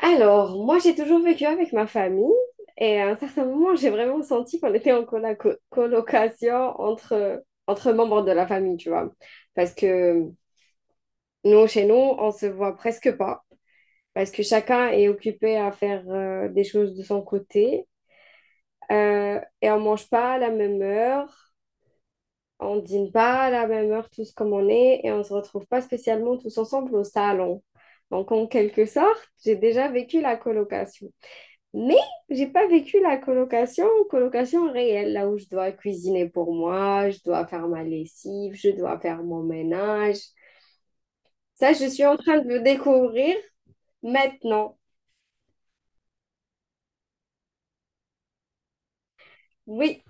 Alors, moi, j'ai toujours vécu avec ma famille et à un certain moment, j'ai vraiment senti qu'on était en colocation entre membres de la famille, tu vois. Parce que nous, chez nous, on se voit presque pas parce que chacun est occupé à faire des choses de son côté. Et on mange pas à la même heure, on dîne pas à la même heure tous comme on est et on se retrouve pas spécialement tous ensemble au salon. Donc, en quelque sorte, j'ai déjà vécu la colocation. Mais j'ai pas vécu la colocation, colocation réelle, là où je dois cuisiner pour moi, je dois faire ma lessive, je dois faire mon ménage. Ça, je suis en train de le découvrir maintenant. Oui,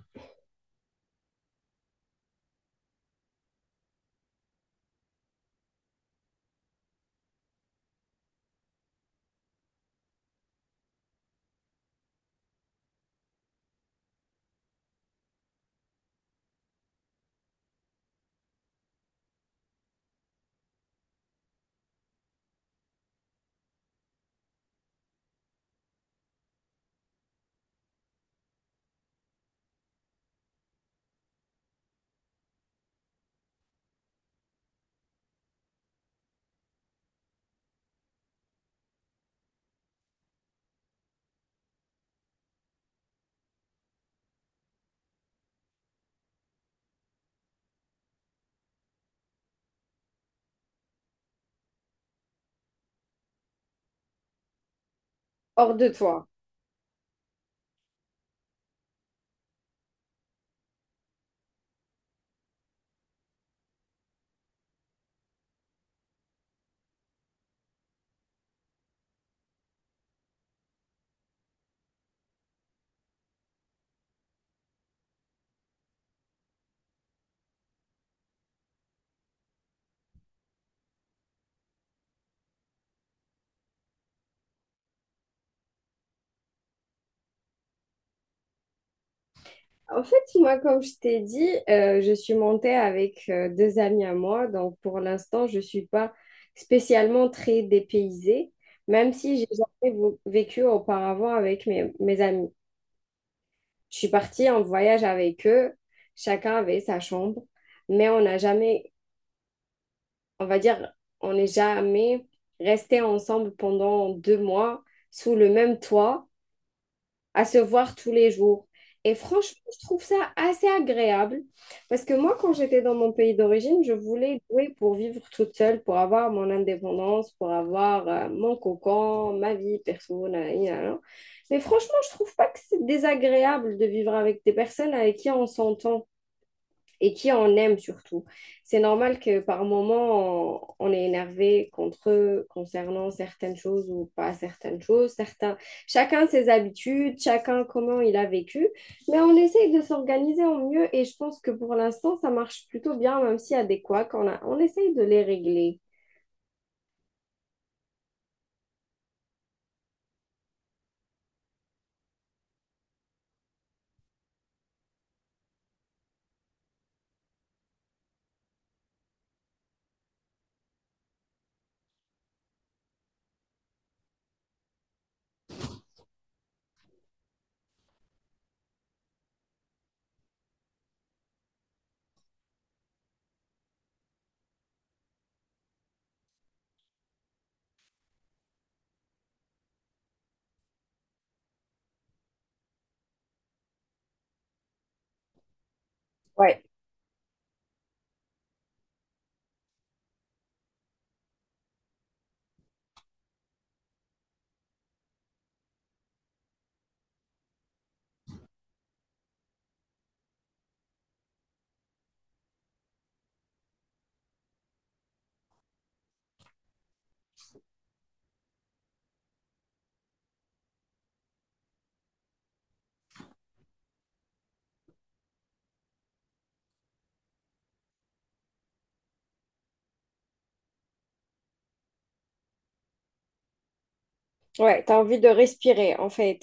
hors de toi. En fait, moi, comme je t'ai dit, je suis montée avec deux amis à moi, donc pour l'instant, je ne suis pas spécialement très dépaysée, même si j'ai jamais vécu auparavant avec mes amis. Je suis partie en voyage avec eux. Chacun avait sa chambre, mais on n'a jamais, on va dire, on n'est jamais resté ensemble pendant 2 mois sous le même toit à se voir tous les jours. Et franchement, je trouve ça assez agréable parce que moi, quand j'étais dans mon pays d'origine, je voulais louer pour vivre toute seule, pour avoir mon indépendance, pour avoir mon cocon, ma vie perso, na, na, na. Mais franchement, je trouve pas que c'est désagréable de vivre avec des personnes avec qui on s'entend et qui en aiment surtout. C'est normal que par moment, on est énervé contre eux concernant certaines choses ou pas certaines choses. Certains, chacun ses habitudes, chacun comment il a vécu, mais on essaye de s'organiser au mieux et je pense que pour l'instant, ça marche plutôt bien, même s'il y a des couacs, on essaye de les régler. Ouais, ouais, t'as envie de respirer en fait.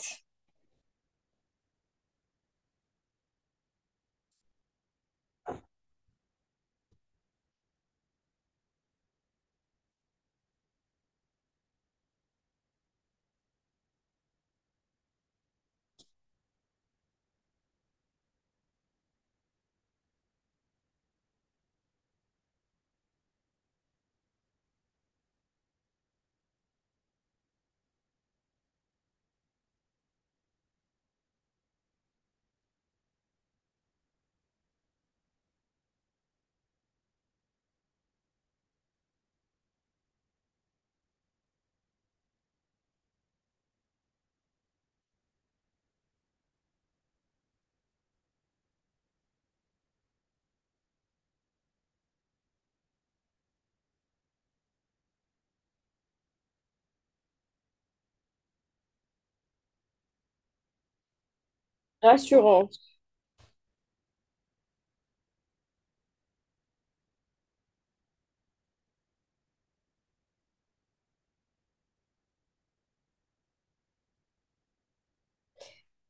Rassurant.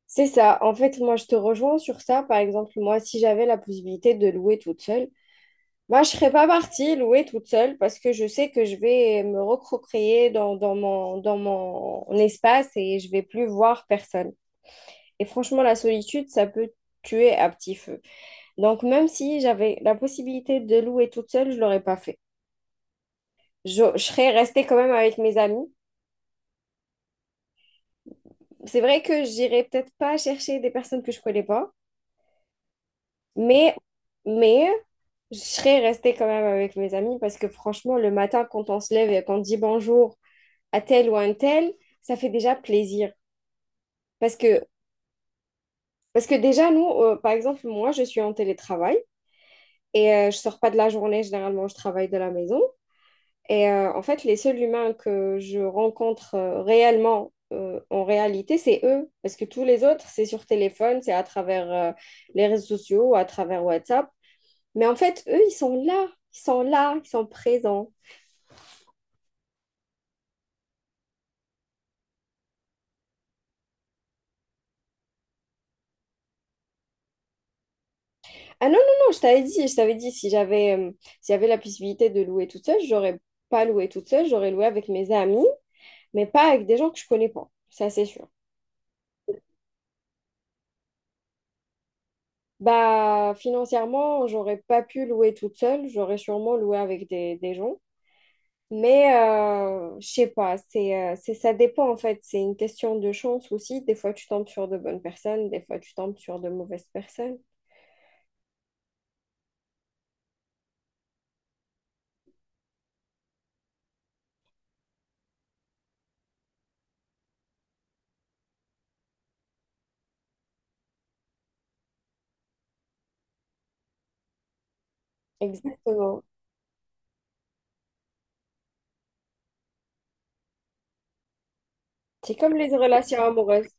C'est ça. En fait, moi, je te rejoins sur ça. Par exemple, moi, si j'avais la possibilité de louer toute seule, moi, je serais pas partie louer toute seule parce que je sais que je vais me recroquer dans dans mon espace et je vais plus voir personne. Et franchement, la solitude, ça peut tuer à petit feu. Donc, même si j'avais la possibilité de louer toute seule, je l'aurais pas fait. Je serais restée quand même avec mes amis. C'est vrai que j'irais peut-être pas chercher des personnes que je connais pas, mais, mais je serais restée quand même avec mes amis parce que franchement, le matin, quand on se lève et qu'on dit bonjour, à tel ou à un tel, ça fait déjà plaisir. Parce que, parce que déjà, nous, par exemple, moi, je suis en télétravail et je sors pas de la journée, généralement, je travaille de la maison. Et en fait, les seuls humains que je rencontre réellement, en réalité, c'est eux. Parce que tous les autres, c'est sur téléphone, c'est à travers les réseaux sociaux, à travers WhatsApp. Mais en fait, eux, ils sont là, ils sont là, ils sont présents. Ah non, non, non, je t'avais dit, si j'avais si j'avais la possibilité de louer toute seule, j'aurais pas loué toute seule, j'aurais loué avec mes amis, mais pas avec des gens que je connais pas, ça c'est sûr. Bah, financièrement, j'aurais pas pu louer toute seule, j'aurais sûrement loué avec des gens, mais je sais pas, c'est, ça dépend en fait, c'est une question de chance aussi, des fois tu tombes sur de bonnes personnes, des fois tu tombes sur de mauvaises personnes. Exactement. C'est comme les relations amoureuses.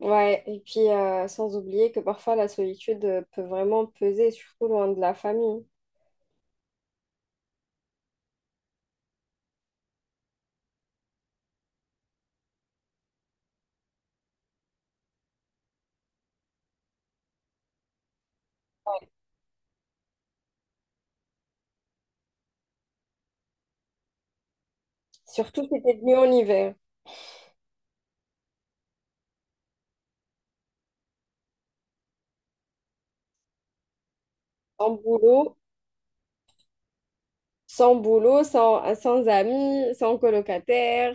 Ouais, et puis sans oublier que parfois la solitude peut vraiment peser, surtout loin de la famille. Surtout si t'es venu en hiver, en boulot sans boulot, sans amis, sans colocataire.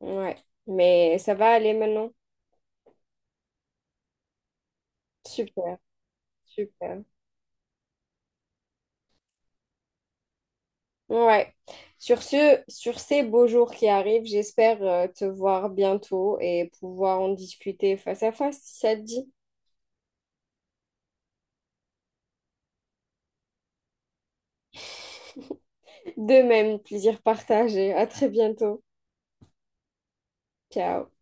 Ouais, mais ça va aller maintenant. Super, super. Ouais. Sur ce, sur ces beaux jours qui arrivent, j'espère te voir bientôt et pouvoir en discuter face à face, si ça te dit. De même, plaisir partagé. À très bientôt. Ciao.